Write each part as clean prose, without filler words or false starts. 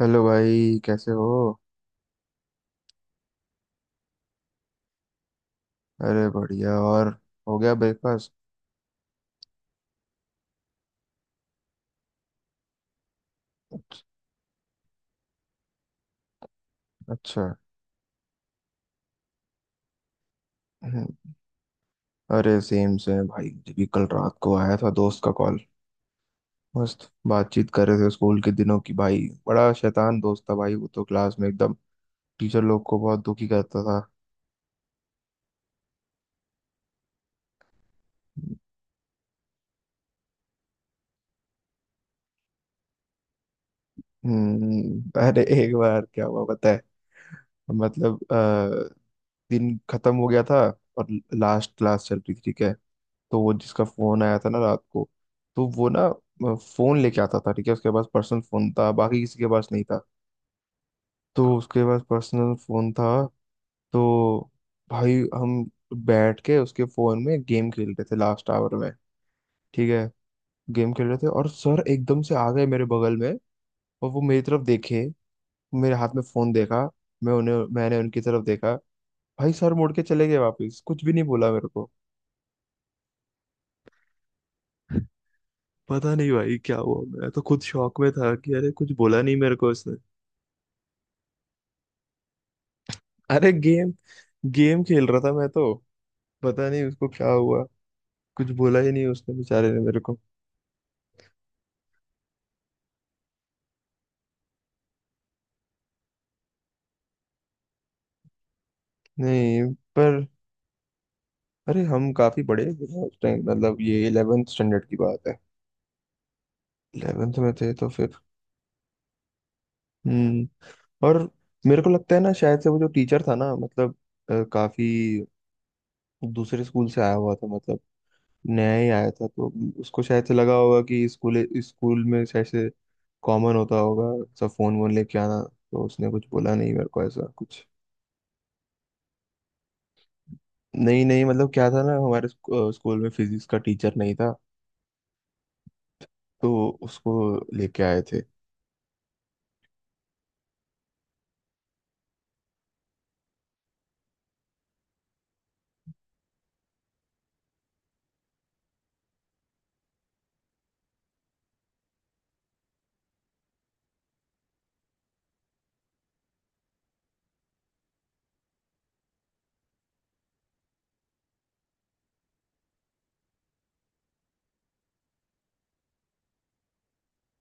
Hello भाई, कैसे हो। अरे, बढ़िया। और हो गया ब्रेकफास्ट? अच्छा। अच्छा, हम्म, अरे सेम से भाई, मुझे भी कल रात को आया था दोस्त का कॉल। मस्त। बातचीत कर रहे थे स्कूल के दिनों की भाई। बड़ा शैतान दोस्त था भाई, वो तो क्लास में एकदम टीचर लोग को बहुत दुखी करता था। अरे, एक बार क्या हुआ पता है। मतलब दिन खत्म हो गया था और लास्ट क्लास चल रही थी। ठीक है, तो वो जिसका फोन आया था ना रात को, तो वो ना फोन लेके आता था। ठीक है, उसके पास पर्सनल फोन था, बाकी किसी के पास नहीं था। तो उसके पास पर्सनल फोन था तो भाई हम बैठ के उसके फोन में गेम खेल रहे थे लास्ट आवर में। ठीक है, गेम खेल रहे थे और सर एकदम से आ गए मेरे बगल में। और वो मेरी तरफ देखे, मेरे हाथ में फोन देखा। मैंने उनकी तरफ देखा। भाई सर मुड़ के चले गए वापस, कुछ भी नहीं बोला मेरे को। पता नहीं भाई क्या हुआ, मैं तो खुद शॉक में था कि अरे कुछ बोला नहीं मेरे को उसने। अरे गेम गेम खेल रहा था मैं तो, पता नहीं उसको क्या हुआ। कुछ बोला ही नहीं उसने बेचारे ने मेरे को। नहीं। पर अरे, हम काफी बड़े भी हैं उस टाइम, मतलब ये इलेवेंथ स्टैंडर्ड की बात है। इलेवेंथ में थे तो फिर। हम्म और मेरे को लगता है ना शायद से वो जो टीचर था ना, मतलब काफी दूसरे स्कूल से आया हुआ था, मतलब नया ही आया था, तो उसको शायद से लगा होगा कि स्कूल स्कूल में शायद से कॉमन होता होगा सब फोन वोन लेके आना। तो उसने कुछ बोला नहीं मेरे को ऐसा कुछ। नहीं नहीं, मतलब क्या था ना, हमारे स्कूल में फिजिक्स का टीचर नहीं था, तो उसको लेके आए थे।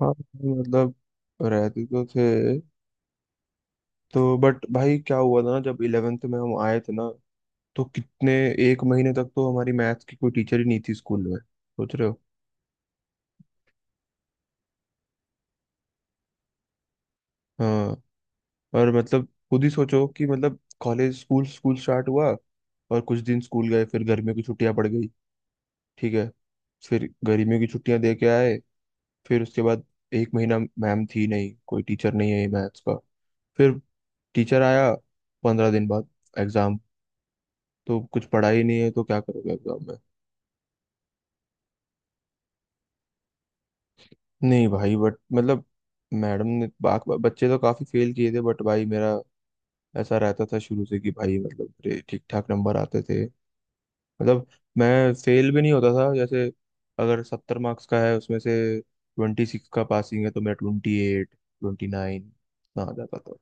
हाँ, मतलब रहते तो थे। तो बट भाई, क्या हुआ था ना, जब इलेवेंथ में हम आए थे ना, तो कितने एक महीने तक तो हमारी मैथ्स की कोई टीचर ही नहीं थी स्कूल में, सोच रहे हो। हाँ। और मतलब खुद ही सोचो कि मतलब कॉलेज स्कूल स्कूल स्टार्ट हुआ, और कुछ दिन स्कूल गए फिर गर्मियों की छुट्टियां पड़ गई। ठीक है, फिर गर्मियों की छुट्टियां दे के आए, फिर उसके बाद एक महीना मैम थी नहीं, कोई टीचर नहीं है मैथ्स का। फिर टीचर आया 15 दिन बाद एग्जाम। तो कुछ पढ़ा ही नहीं है तो क्या करोगे एग्जाम में। नहीं भाई, बट मतलब मैडम ने बाक बच्चे तो काफी फेल किए थे, बट भाई मेरा ऐसा रहता था शुरू से कि भाई मतलब मेरे ठीक ठाक नंबर आते थे। मतलब मैं फेल भी नहीं होता था। जैसे अगर 70 मार्क्स का है उसमें से 26 का पासिंग है तो मैं 28, 29 आ जाता था।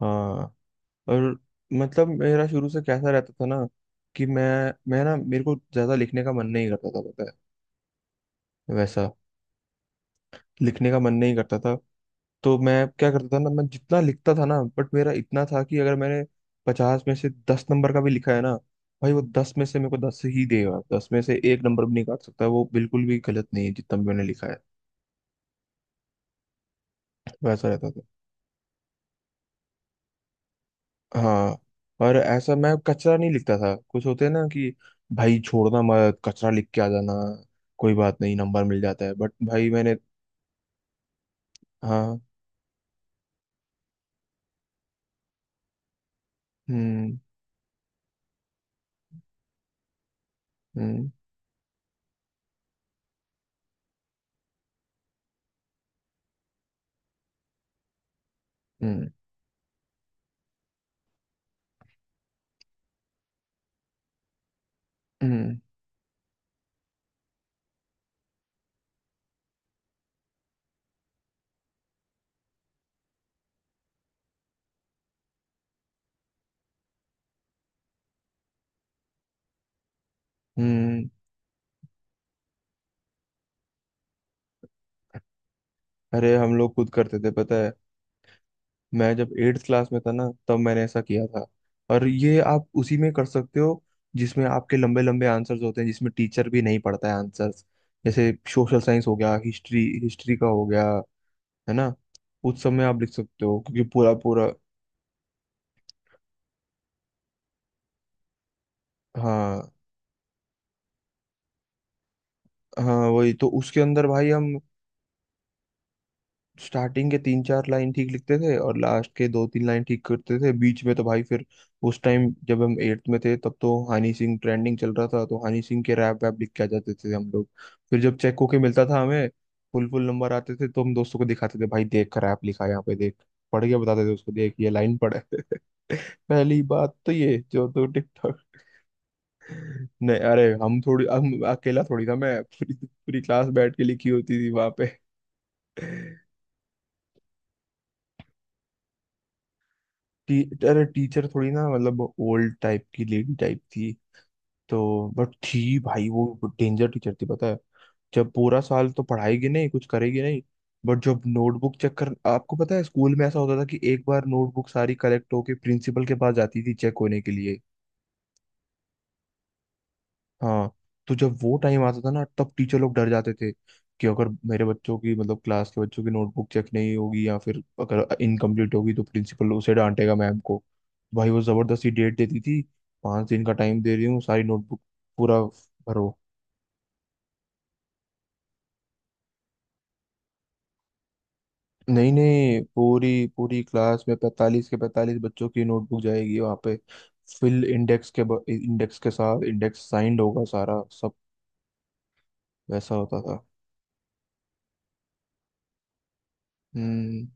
हाँ। और मतलब मेरा शुरू से कैसा रहता था ना कि मैं ना मेरे को ज्यादा लिखने का मन नहीं करता था, पता है वैसा। लिखने का मन नहीं करता था, तो मैं क्या करता था ना, मैं जितना लिखता था ना, बट मेरा इतना था कि अगर मैंने 50 में से 10 नंबर का भी लिखा है ना, भाई वो 10 में से मेरे को 10 ही देगा, 10 में से एक नंबर भी नहीं काट सकता, वो बिल्कुल भी गलत नहीं है जितना भी मैंने लिखा है। वैसा रहता था। हाँ। और ऐसा मैं कचरा नहीं लिखता था, कुछ होते हैं ना कि भाई छोड़ना मत कचरा लिख के आ जाना, कोई बात नहीं नंबर मिल जाता है, बट भाई मैंने। हाँ। हम्म। हम्म। हम्म। हम्म। हम्म। अरे, हम लोग खुद करते थे पता है। मैं जब एट्थ क्लास में था ना तब मैंने ऐसा किया था। और ये आप उसी में कर सकते हो जिसमें आपके लंबे लंबे आंसर्स होते हैं, जिसमें टीचर भी नहीं पढ़ता है आंसर्स। जैसे सोशल साइंस हो गया, हिस्ट्री, हिस्ट्री का हो गया, है ना। उस सब में आप लिख सकते हो क्योंकि पूरा पूरा। हाँ, हाँ, वही तो उसके अंदर भाई हम स्टार्टिंग के तीन चार लाइन ठीक लिखते थे और लास्ट के दो तीन लाइन ठीक करते थे। बीच में तो भाई फिर उस टाइम जब हम एट्थ में थे, तब तो हनी सिंह ट्रेंडिंग चल रहा था, तो हनी सिंह के रैप वैप लिख के आ जाते थे हम लोग। फिर जब चेक होके मिलता था हमें फुल फुल नंबर आते थे, तो हम दोस्तों को दिखाते थे, भाई देख रैप लिखा है यहाँ पे, देख, पढ़ के बताते थे उसको, देख ये लाइन पढ़े। पहली बात तो ये जो तो टिकटॉक। नहीं, अरे हम अकेला थोड़ी था मैं, पूरी पूरी क्लास बैठ के लिखी होती थी वहां पे। टी, अरे टीचर थोड़ी ना, मतलब ओल्ड टाइप की लेडी टाइप थी, तो बट थी भाई वो डेंजर टीचर थी पता है। जब पूरा साल तो पढ़ाएगी नहीं, कुछ करेगी नहीं, बट जब नोटबुक चेक कर आपको पता है स्कूल में ऐसा होता था कि एक बार नोटबुक सारी कलेक्ट होके प्रिंसिपल के पास जाती थी चेक होने के लिए। हाँ। तो जब वो टाइम आता था ना तब टीचर लोग डर जाते थे कि अगर मेरे बच्चों की मतलब क्लास के बच्चों की नोटबुक चेक नहीं होगी, या फिर अगर इनकम्प्लीट होगी तो प्रिंसिपल उसे डांटेगा मैम को। भाई, वो जबरदस्ती डेट देती थी, 5 दिन का टाइम दे रही हूँ, सारी नोटबुक पूरा भरो। नहीं नहीं, पूरी पूरी क्लास में 45 के 45 बच्चों की नोटबुक जाएगी वहाँ पे। फिल इंडेक्स के, इंडेक्स के साथ, इंडेक्स साइंड होगा सारा सब। वैसा होता था। हम्म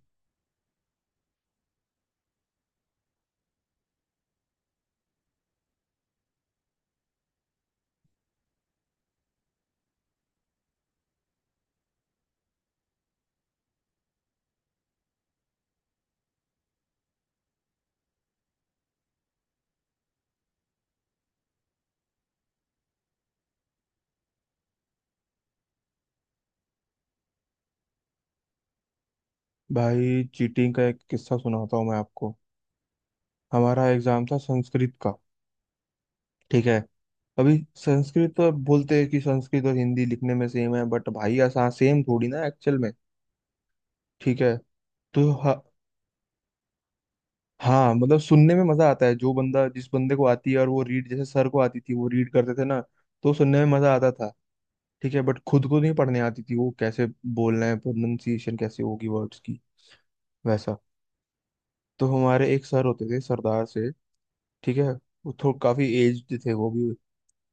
भाई चीटिंग का एक किस्सा सुनाता हूँ मैं आपको। हमारा एग्जाम था संस्कृत का। ठीक है, अभी संस्कृत तो बोलते हैं कि संस्कृत और हिंदी लिखने में सेम है, बट भाई आसान सेम थोड़ी ना एक्चुअल में। ठीक है, तो हाँ। हाँ, मतलब सुनने में मजा आता है, जो बंदा जिस बंदे को आती है, और वो रीड जैसे सर को आती थी, वो रीड करते थे ना, तो सुनने में मजा आता था। ठीक है, बट खुद को नहीं पढ़ने आती थी, वो कैसे बोलना है, प्रोनाउंसिएशन कैसे होगी वर्ड्स की, वैसा। तो हमारे एक सर होते थे सरदार से। ठीक है, वो थोड़ा काफी एज्ड थे वो भी।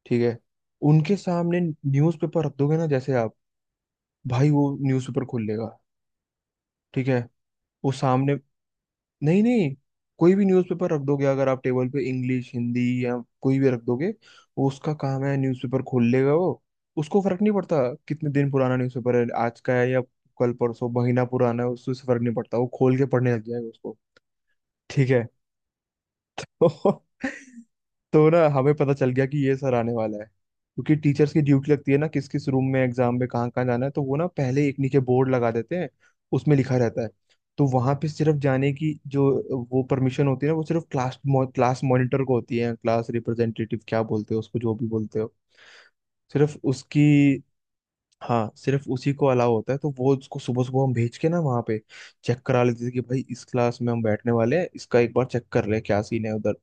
ठीक है, उनके सामने न्यूज़पेपर रख दोगे ना जैसे आप, भाई वो न्यूज़पेपर खोल लेगा। ठीक है, वो सामने। नहीं नहीं, कोई भी न्यूज़पेपर रख दोगे, अगर आप टेबल पे इंग्लिश, हिंदी या कोई भी रख दोगे, वो उसका काम है न्यूज़पेपर खोल लेगा वो। उसको फर्क नहीं पड़ता कितने दिन पुराना न्यूज़पेपर है, आज का है या कल परसों महीना पुराना है, उससे फर्क नहीं पड़ता, वो खोल के पढ़ने लग जाएगा उसको। ठीक है। तो ना हमें पता चल गया कि ये सर आने वाला है, क्योंकि टीचर्स की ड्यूटी लगती है ना किस किस रूम में एग्जाम में कहाँ कहाँ जाना है, तो वो ना पहले एक नीचे बोर्ड लगा देते हैं, उसमें लिखा रहता है। तो वहां पे सिर्फ जाने की जो वो परमिशन होती है ना, वो सिर्फ क्लास क्लास मॉनिटर को होती है, क्लास रिप्रेजेंटेटिव क्या बोलते हो उसको, जो भी बोलते हो, सिर्फ उसकी। हाँ, सिर्फ उसी को अलाउ होता है, तो वो उसको सुबह सुबह हम भेज के ना वहाँ पे चेक करा लेते थे कि भाई इस क्लास में हम बैठने वाले हैं, इसका एक बार चेक कर ले क्या सीन है उधर।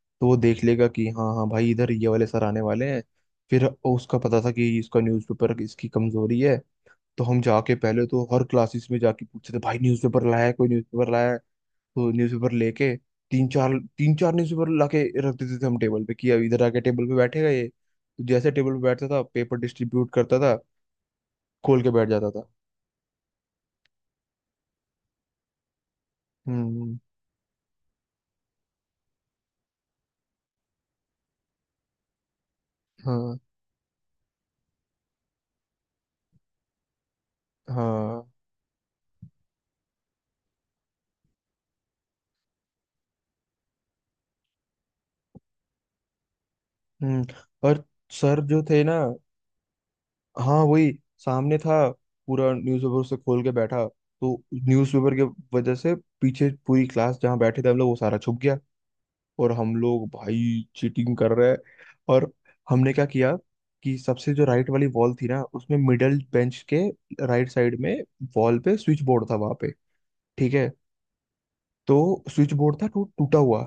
तो वो देख लेगा कि हाँ हाँ भाई इधर ये वाले सर आने वाले हैं। फिर उसका पता था कि इसका न्यूज़पेपर इसकी कमजोरी है। तो हम जाके पहले तो हर क्लासेस में जाके पूछते थे, भाई न्यूज़पेपर लाया है, कोई न्यूज़पेपर लाया है। तो न्यूज़पेपर लेके तीन चार तीन चार न्यूज़पेपर लाके रख देते थे हम टेबल पे कि अब इधर आके टेबल पे बैठेगा ये, तो जैसे टेबल पे बैठता था पेपर डिस्ट्रीब्यूट करता था, खोल के बैठ जाता था। हम्म। हम्म। हाँ। हाँ। हम्म। और सर जो थे ना, हाँ वही, सामने था पूरा न्यूज़पेपर उसे खोल के बैठा, तो न्यूज़पेपर के वजह से पीछे पूरी क्लास जहाँ बैठे थे हम लोग वो सारा छुप गया। और हम लोग भाई चीटिंग कर रहे हैं। और हमने क्या किया कि सबसे जो राइट वाली वॉल थी ना उसमें मिडल बेंच के राइट साइड में वॉल पे स्विच बोर्ड था वहां पे। ठीक है, तो स्विच बोर्ड था टूटा हुआ।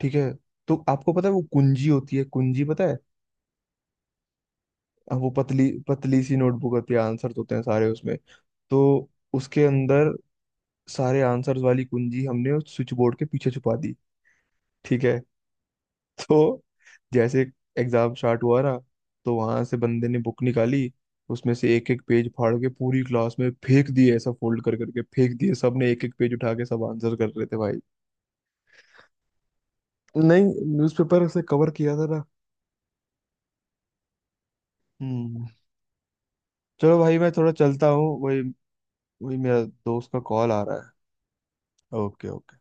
ठीक है, तो आपको पता है वो कुंजी होती है, कुंजी पता है, अब वो पतली पतली सी नोटबुक होती है, आंसर्स होते हैं सारे उसमें। तो उसके अंदर सारे आंसर्स वाली कुंजी हमने उस स्विच बोर्ड के पीछे छुपा दी। ठीक है। तो जैसे एग्जाम स्टार्ट हुआ ना, तो वहां से बंदे ने बुक निकाली, उसमें से एक एक पेज फाड़ के पूरी क्लास में फेंक दिए, ऐसा फोल्ड कर करके फेंक दिए, सबने एक एक पेज उठा के सब आंसर कर रहे थे भाई। तो नहीं, न्यूज़पेपर से कवर किया था ना। हम्म चलो भाई मैं थोड़ा चलता हूँ, वही वही मेरा दोस्त का कॉल आ रहा है। Okay, okay.